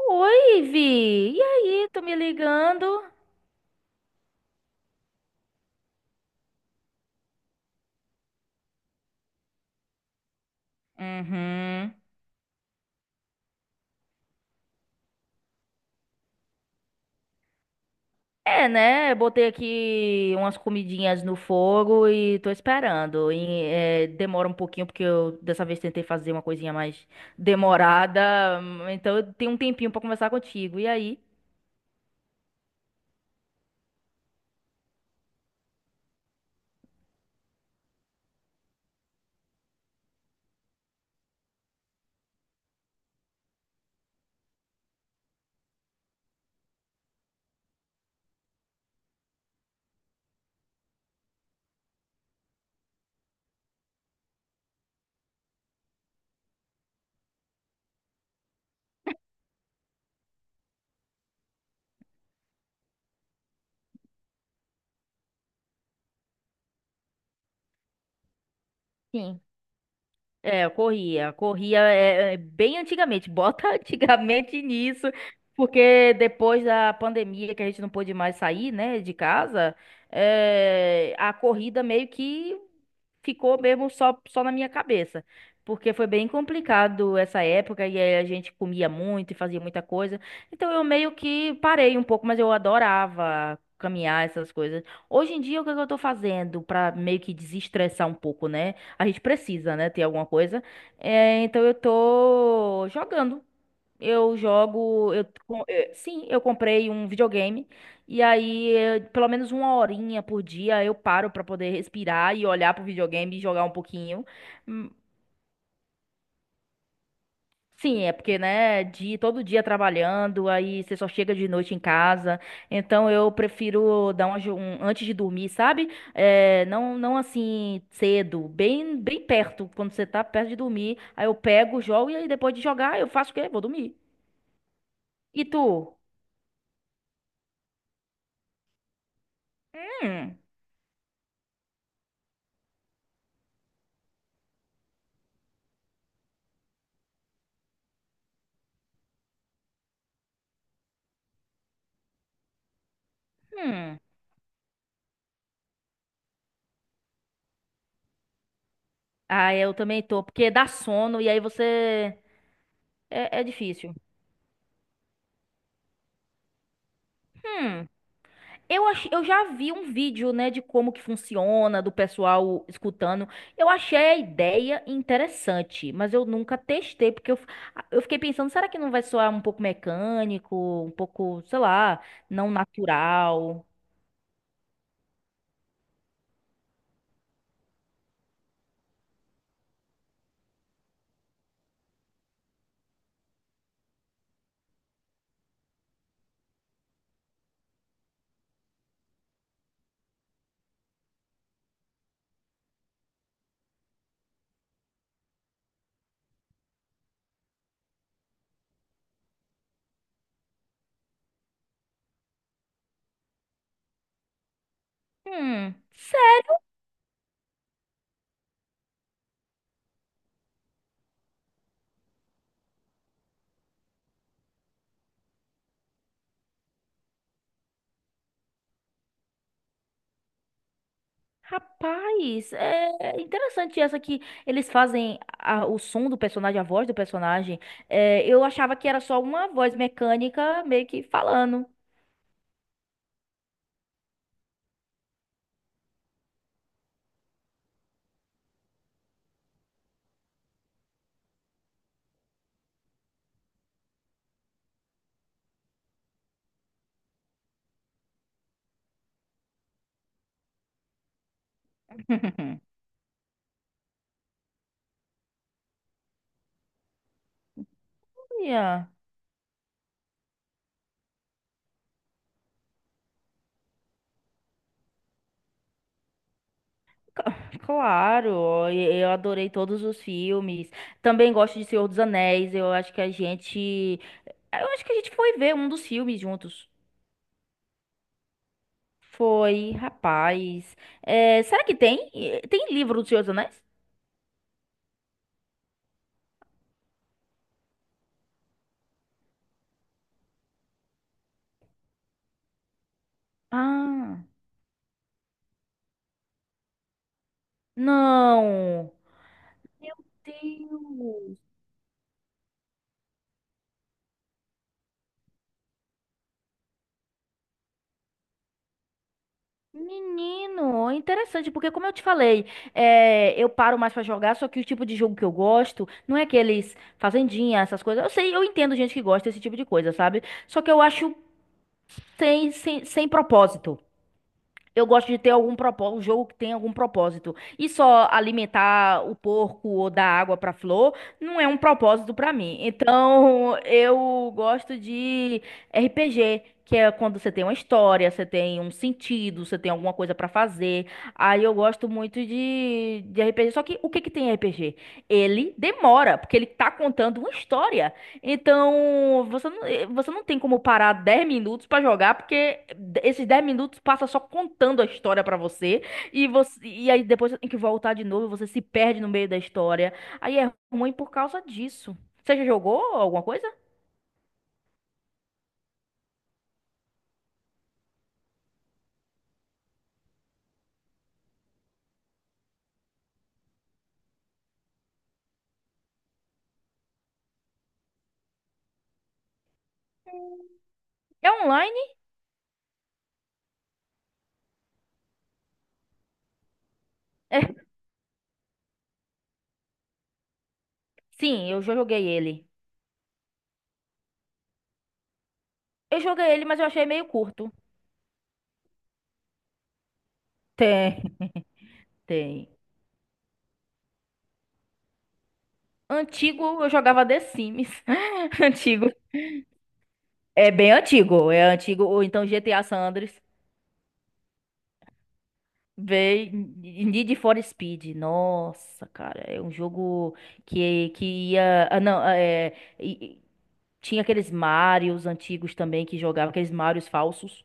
Oi, Vi. E aí, tô me ligando? Uhum. É, né? Eu botei aqui umas comidinhas no fogo e tô esperando. E, demora um pouquinho, porque eu dessa vez tentei fazer uma coisinha mais demorada. Então eu tenho um tempinho pra conversar contigo. E aí? Sim. É, eu corria. Corria bem antigamente. Bota antigamente nisso, porque depois da pandemia que a gente não pôde mais sair, né, de casa, a corrida meio que ficou mesmo só na minha cabeça. Porque foi bem complicado essa época e aí a gente comia muito e fazia muita coisa. Então eu meio que parei um pouco, mas eu adorava caminhar essas coisas. Hoje em dia, o que é que eu tô fazendo pra meio que desestressar um pouco, né? A gente precisa, né, ter alguma coisa. É, então eu tô jogando. Eu jogo, sim, eu comprei um videogame e aí pelo menos uma horinha por dia eu paro pra poder respirar e olhar pro videogame e jogar um pouquinho. Hum, Sim, é porque, né, de todo dia trabalhando, aí você só chega de noite em casa. Então eu prefiro dar um antes de dormir, sabe? Não, não assim cedo, bem, bem perto, quando você tá perto de dormir. Aí eu pego, jogo e aí depois de jogar eu faço o quê? Vou dormir. E tu? Hum, hum. Ah, eu também tô, porque dá sono e aí você. É difícil. Hum, eu já vi um vídeo, né, de como que funciona, do pessoal escutando. Eu achei a ideia interessante, mas eu nunca testei, porque eu fiquei pensando, será que não vai soar um pouco mecânico, um pouco, sei lá, não natural? Hum, Rapaz, é interessante essa que eles fazem o som do personagem, a voz do personagem. É, eu achava que era só uma voz mecânica meio que falando. Olha, ca- claro, eu adorei todos os filmes. Também gosto de Senhor dos Anéis. Eu acho que a gente, eu acho que a gente foi ver um dos filmes juntos. Foi, rapaz. É, será que tem? Tem livro do Senhor dos Anéis? Ah, não. Meu Deus! Menino, interessante, porque como eu te falei, eu paro mais pra jogar, só que o tipo de jogo que eu gosto não é aqueles fazendinha, essas coisas. Eu sei, eu entendo gente que gosta desse tipo de coisa, sabe? Só que eu acho sem propósito. Eu gosto de ter algum propósito, um jogo que tem algum propósito. E só alimentar o porco ou dar água para flor não é um propósito para mim. Então, eu gosto de RPG, que é quando você tem uma história, você tem um sentido, você tem alguma coisa para fazer. Aí eu gosto muito de RPG. Só que o que que tem RPG? Ele demora, porque ele tá contando uma história. Então, você não tem como parar 10 minutos pra jogar, porque esses 10 minutos passa só contando a história pra você, e aí depois você tem que voltar de novo, você se perde no meio da história. Aí é ruim por causa disso. Você já jogou alguma coisa? É online? É, sim, eu já joguei ele. Eu joguei ele, mas eu achei meio curto. Tem. Tem. Antigo, eu jogava The Sims. Antigo. É bem antigo, é antigo, ou então GTA San Andreas. Véi, Need for Speed, nossa, cara, é um jogo que ia. Ah, não, e tinha aqueles Marios antigos também que jogavam, aqueles Marios falsos.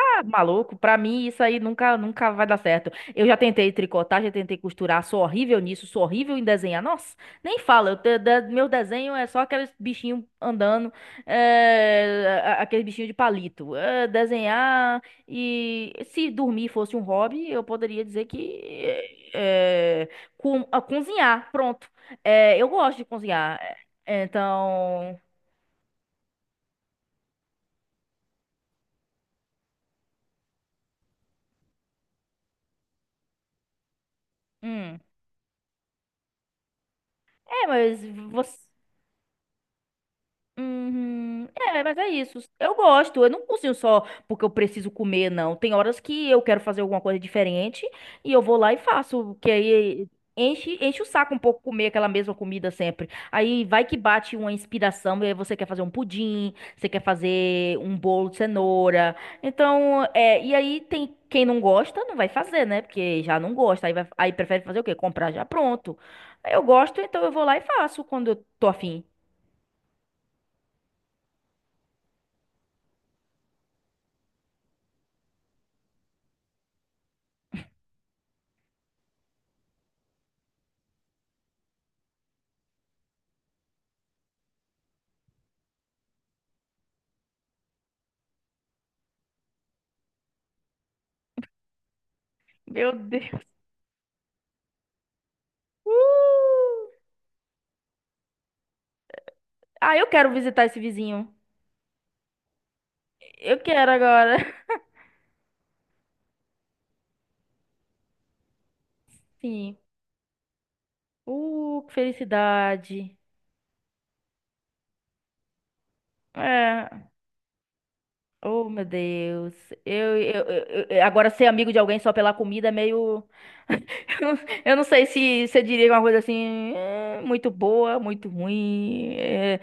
Tá maluco, pra mim isso aí nunca, nunca vai dar certo. Eu já tentei tricotar, já tentei costurar, sou horrível nisso, sou horrível em desenhar. Nossa, nem fala, meu desenho é só aqueles bichinhos andando, aqueles bichinhos de palito. É, desenhar e se dormir fosse um hobby, eu poderia dizer que é, cozinhar, pronto. É, eu gosto de cozinhar, é, então. Hum. É, mas você. Uhum. É, mas é isso. Eu gosto. Eu não cozinho só porque eu preciso comer, não. Tem horas que eu quero fazer alguma coisa diferente e eu vou lá e faço, que aí enche, enche o saco um pouco comer aquela mesma comida sempre. Aí vai que bate uma inspiração e aí você quer fazer um pudim, você quer fazer um bolo de cenoura. Então, e aí tem quem não gosta, não vai fazer, né? Porque já não gosta. Aí prefere fazer o quê? Comprar já pronto. Eu gosto, então eu vou lá e faço quando eu tô afim. Meu Deus. Uh! Ah, eu quero visitar esse vizinho. Eu quero agora. Sim. Que felicidade. É. Oh, meu Deus. Agora ser amigo de alguém só pela comida é meio. Eu não eu não sei se você diria uma coisa assim, muito boa, muito ruim.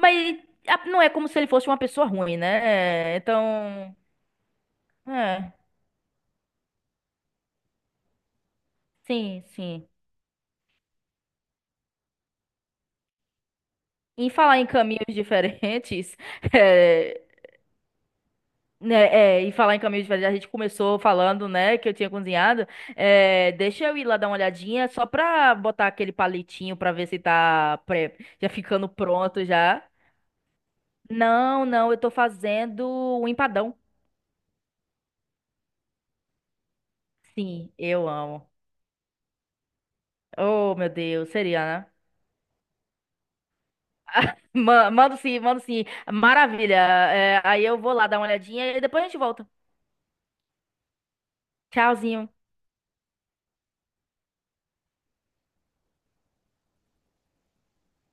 Mas não é como se ele fosse uma pessoa ruim, né? Então. É. Sim, sim. Em falar em caminhos diferentes. Né, e falar em caminho de verdade, a gente começou falando, né, que eu tinha cozinhado. É, deixa eu ir lá dar uma olhadinha, só pra botar aquele palitinho pra ver se tá já ficando pronto já. Não, não, eu tô fazendo um empadão. Sim, eu amo. Oh, meu Deus, seria, né? Mando sim, mando sim. Maravilha. É, aí eu vou lá dar uma olhadinha e depois a gente volta. Tchauzinho.